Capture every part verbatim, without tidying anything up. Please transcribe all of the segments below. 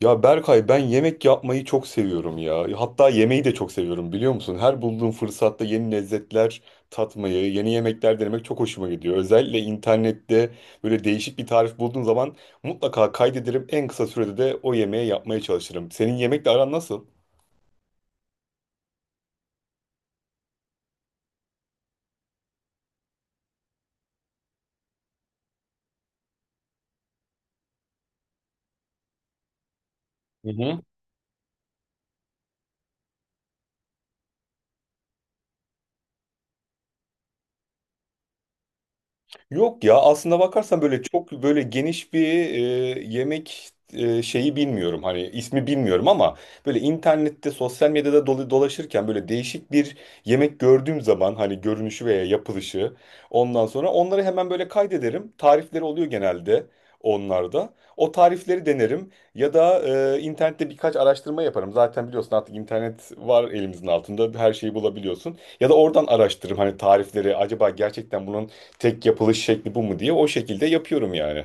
Ya Berkay ben yemek yapmayı çok seviyorum ya. Hatta yemeği de çok seviyorum biliyor musun? Her bulduğum fırsatta yeni lezzetler tatmayı, yeni yemekler denemek çok hoşuma gidiyor. Özellikle internette böyle değişik bir tarif bulduğum zaman mutlaka kaydederim. En kısa sürede de o yemeği yapmaya çalışırım. Senin yemekle aran nasıl? Hı hı. Yok ya aslında bakarsan böyle çok böyle geniş bir e, yemek e, şeyi bilmiyorum, hani ismi bilmiyorum ama böyle internette sosyal medyada dola- dolaşırken böyle değişik bir yemek gördüğüm zaman hani görünüşü veya yapılışı, ondan sonra onları hemen böyle kaydederim, tarifleri oluyor genelde, onlarda o tarifleri denerim ya da e, internette birkaç araştırma yaparım. Zaten biliyorsun, artık internet var elimizin altında, her şeyi bulabiliyorsun ya da oradan araştırırım hani tarifleri, acaba gerçekten bunun tek yapılış şekli bu mu diye. O şekilde yapıyorum yani.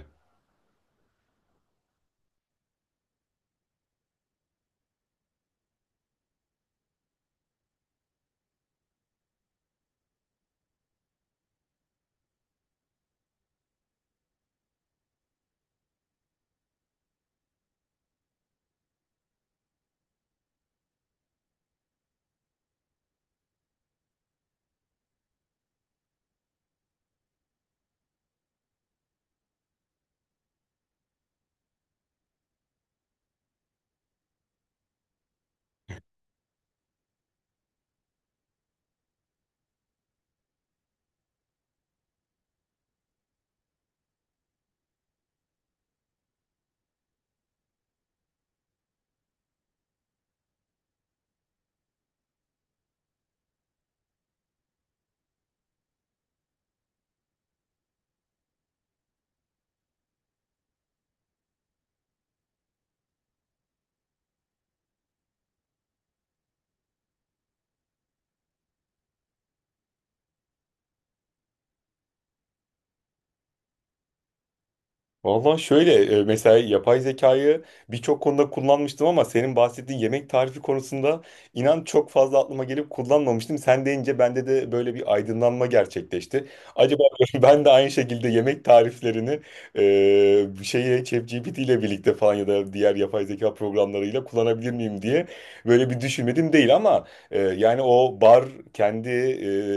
Valla şöyle, e, mesela yapay zekayı birçok konuda kullanmıştım ama senin bahsettiğin yemek tarifi konusunda inan çok fazla aklıma gelip kullanmamıştım. Sen deyince bende de böyle bir aydınlanma gerçekleşti. Acaba ben de aynı şekilde yemek tariflerini e, şeye, ChatGPT ile birlikte falan ya da diğer yapay zeka programlarıyla kullanabilir miyim diye böyle bir düşünmedim değil ama e, yani o bar, kendi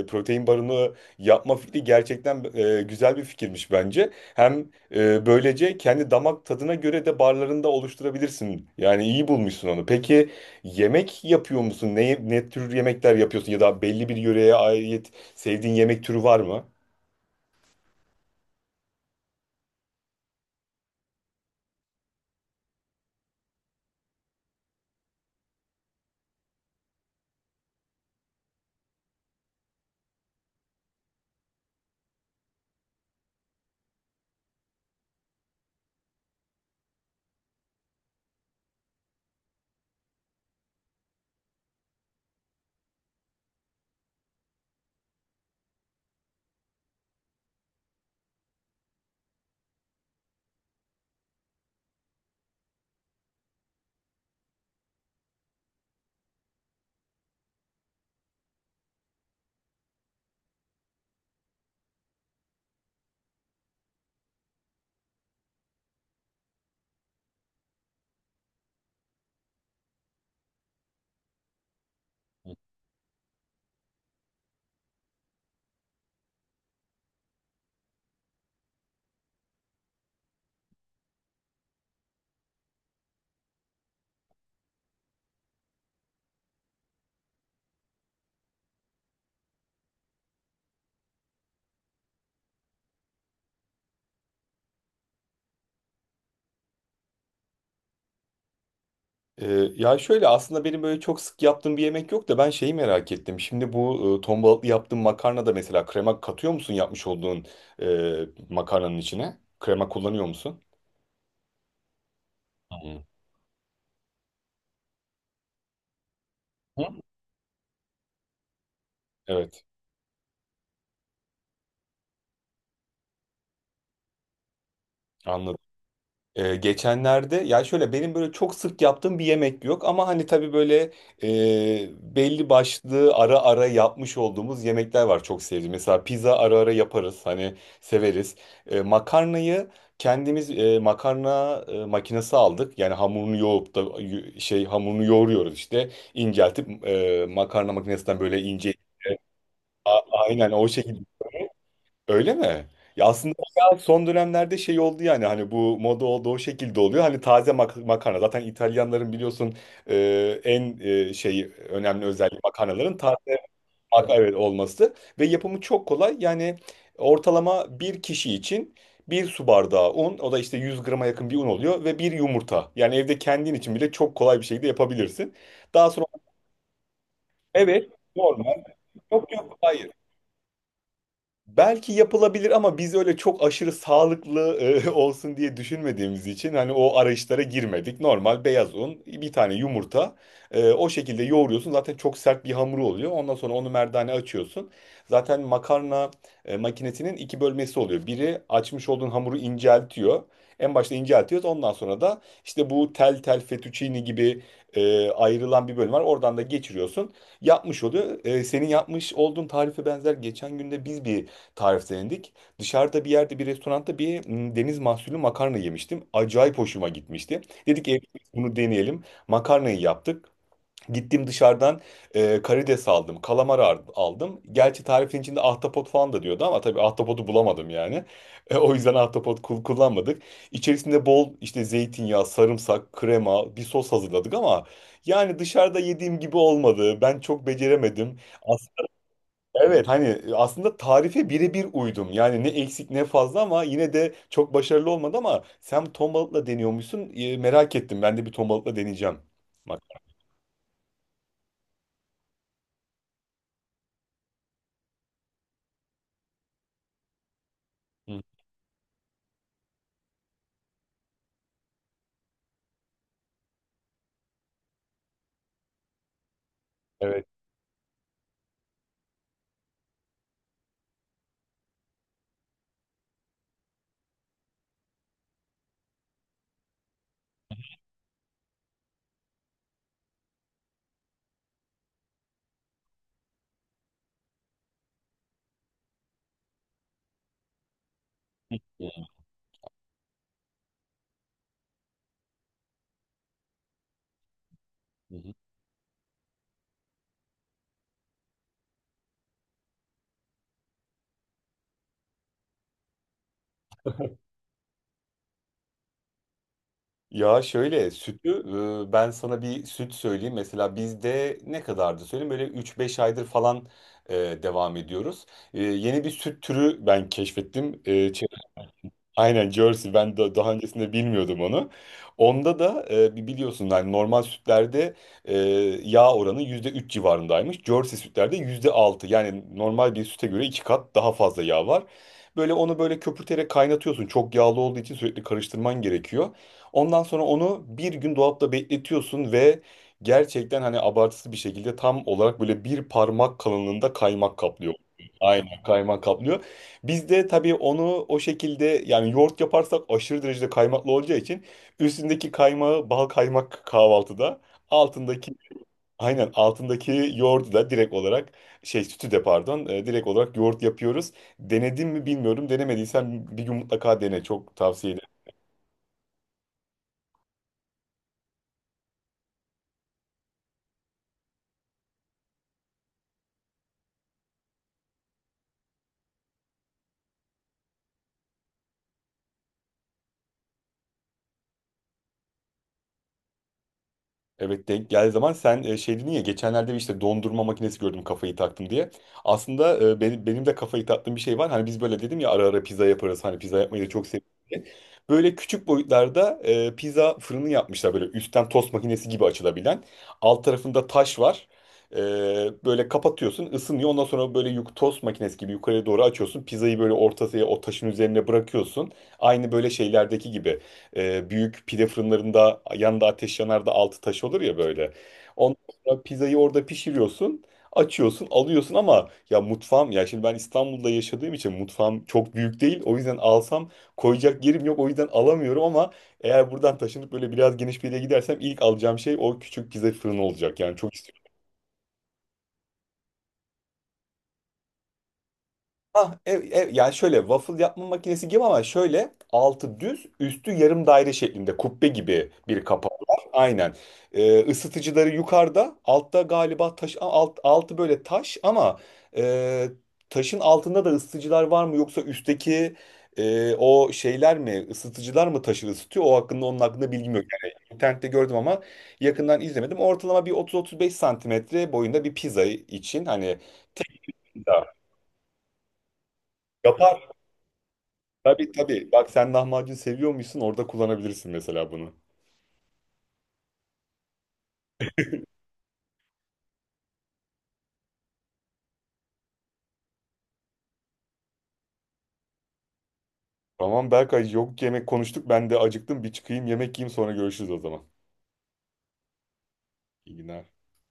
e, protein barını yapma fikri gerçekten e, güzel bir fikirmiş bence. Hem ee, böylece kendi damak tadına göre de barlarında oluşturabilirsin. Yani iyi bulmuşsun onu. Peki yemek yapıyor musun? Ne, ne tür yemekler yapıyorsun? Ya da belli bir yöreye ait sevdiğin yemek türü var mı? Ee, Ya şöyle, aslında benim böyle çok sık yaptığım bir yemek yok da ben şeyi merak ettim. Şimdi bu e, ton balıklı yaptığın makarna da mesela krema katıyor musun, yapmış olduğun e, makarnanın içine? Krema kullanıyor musun? Hı? Hı? Evet, anladım. Ee, geçenlerde, ya şöyle, benim böyle çok sık yaptığım bir yemek yok ama hani tabii böyle e, belli başlı ara ara yapmış olduğumuz yemekler var çok sevdiğim. Mesela pizza ara ara yaparız hani, severiz. E, makarnayı kendimiz, e, makarna e, makinesi aldık. Yani hamurunu yoğurup da y- şey hamurunu yoğuruyoruz işte, inceltip e, makarna makinesinden böyle ince, A- aynen o şekilde. Öyle mi? Ya aslında o biraz son dönemlerde şey oldu yani, hani bu moda oldu, o şekilde oluyor. Hani taze mak- makarna zaten, İtalyanların biliyorsun e, en e, şey önemli özelliği makarnaların taze mak evet olması ve yapımı çok kolay. Yani ortalama bir kişi için bir su bardağı un, o da işte yüz grama yakın bir un oluyor, ve bir yumurta. Yani evde kendin için bile çok kolay bir şekilde yapabilirsin. Daha sonra evet, normal, yok yok hayır. Belki yapılabilir ama biz öyle çok aşırı sağlıklı e, olsun diye düşünmediğimiz için hani o arayışlara girmedik. Normal beyaz un, bir tane yumurta. E, o şekilde yoğuruyorsun. Zaten çok sert bir hamuru oluyor. Ondan sonra onu merdane açıyorsun. Zaten makarna e, makinesinin iki bölmesi oluyor. Biri açmış olduğun hamuru inceltiyor. En başta inceltiyoruz. Ondan sonra da işte bu tel tel fettuccine gibi e, ayrılan bir bölüm var. Oradan da geçiriyorsun. Yapmış oluyor. E, senin yapmış olduğun tarife benzer, geçen günde biz bir tariflendik. Dışarıda bir yerde, bir restoranda bir m, deniz mahsulü makarna yemiştim. Acayip hoşuma gitmişti. Dedik evde biz bunu deneyelim. Makarnayı yaptık. Gittim dışarıdan e, karides aldım, kalamar ar- aldım. Gerçi tarifin içinde ahtapot falan da diyordu ama tabii ahtapotu bulamadım yani. E, o yüzden ahtapot kul- kullanmadık. İçerisinde bol işte zeytinyağı, sarımsak, krema, bir sos hazırladık ama yani dışarıda yediğim gibi olmadı. Ben çok beceremedim. Evet, hani aslında tarife birebir uydum. Yani ne eksik ne fazla, ama yine de çok başarılı olmadı. Ama sen ton balıkla deniyormuşsun. Ee, merak ettim. Ben de bir ton balıkla deneyeceğim. Bak. Hı, evet. Hı, hı. Hı. Ya şöyle, sütü, e, ben sana bir süt söyleyeyim. Mesela bizde ne kadardı söyleyeyim, böyle üç beş aydır falan e, devam ediyoruz. E, Yeni bir süt türü ben keşfettim. Aynen, Jersey. Ben da- daha öncesinde bilmiyordum onu. Onda da e, bi- biliyorsun hani, normal sütlerde e, yağ oranı yüzde üç civarındaymış. Jersey sütlerde yüzde altı. Yani normal bir süte göre iki kat daha fazla yağ var. Böyle onu böyle köpürterek kaynatıyorsun. Çok yağlı olduğu için sürekli karıştırman gerekiyor. Ondan sonra onu bir gün dolapta bekletiyorsun ve gerçekten hani abartısız bir şekilde, tam olarak böyle bir parmak kalınlığında kaymak kaplıyor. Aynen, kaymak kaplıyor. Biz de tabii onu, o şekilde yani yoğurt yaparsak aşırı derecede kaymaklı olacağı için, üstündeki kaymağı bal kaymak kahvaltıda, altındaki, aynen altındaki yoğurdu da direkt olarak, şey, sütü de pardon, e, direkt olarak yoğurt yapıyoruz. Denedim mi bilmiyorum, denemediysen bir gün mutlaka dene, çok tavsiye ederim. Evet, denk geldiği zaman. Sen e, şey dedin ya geçenlerde, bir işte dondurma makinesi gördüm kafayı taktım diye. Aslında e, benim, benim de kafayı taktığım bir şey var. Hani biz böyle dedim ya, ara ara pizza yaparız, hani pizza yapmayı da çok seviyorum diye. Böyle küçük boyutlarda e, pizza fırını yapmışlar, böyle üstten tost makinesi gibi açılabilen. Alt tarafında taş var. E, Böyle kapatıyorsun, ısınıyor. Ondan sonra böyle yuk tost makinesi gibi yukarıya doğru açıyorsun. Pizzayı böyle ortasına, o taşın üzerine bırakıyorsun. Aynı böyle şeylerdeki gibi, e, büyük pide fırınlarında yanında ateş yanar da altı taş olur ya böyle. Ondan sonra pizzayı orada pişiriyorsun. Açıyorsun, alıyorsun. Ama ya mutfağım, ya şimdi ben İstanbul'da yaşadığım için mutfağım çok büyük değil. O yüzden alsam koyacak yerim yok. O yüzden alamıyorum ama eğer buradan taşınıp böyle biraz geniş bir yere gidersem ilk alacağım şey o küçük pizza fırını olacak. Yani çok. Ah, ev, ev, yani şöyle waffle yapma makinesi gibi ama şöyle altı düz üstü yarım daire şeklinde kubbe gibi bir kapağı var. Aynen. Ee, ısıtıcıları yukarıda, altta galiba taş, alt, altı böyle taş ama e, taşın altında da ısıtıcılar var mı, yoksa üstteki e, o şeyler mi, ısıtıcılar mı taşı ısıtıyor? O hakkında Onun hakkında bilgim yok. Yani internette gördüm ama yakından izlemedim. Ortalama bir otuz otuz beş santimetre boyunda bir pizza için hani. Pizza. Yapar. Tabii tabii. Bak sen lahmacun seviyormuşsun, orada kullanabilirsin mesela bunu. Tamam Berkay, yok, yemek konuştuk, ben de acıktım, bir çıkayım yemek yiyeyim sonra görüşürüz o zaman. İyi günler.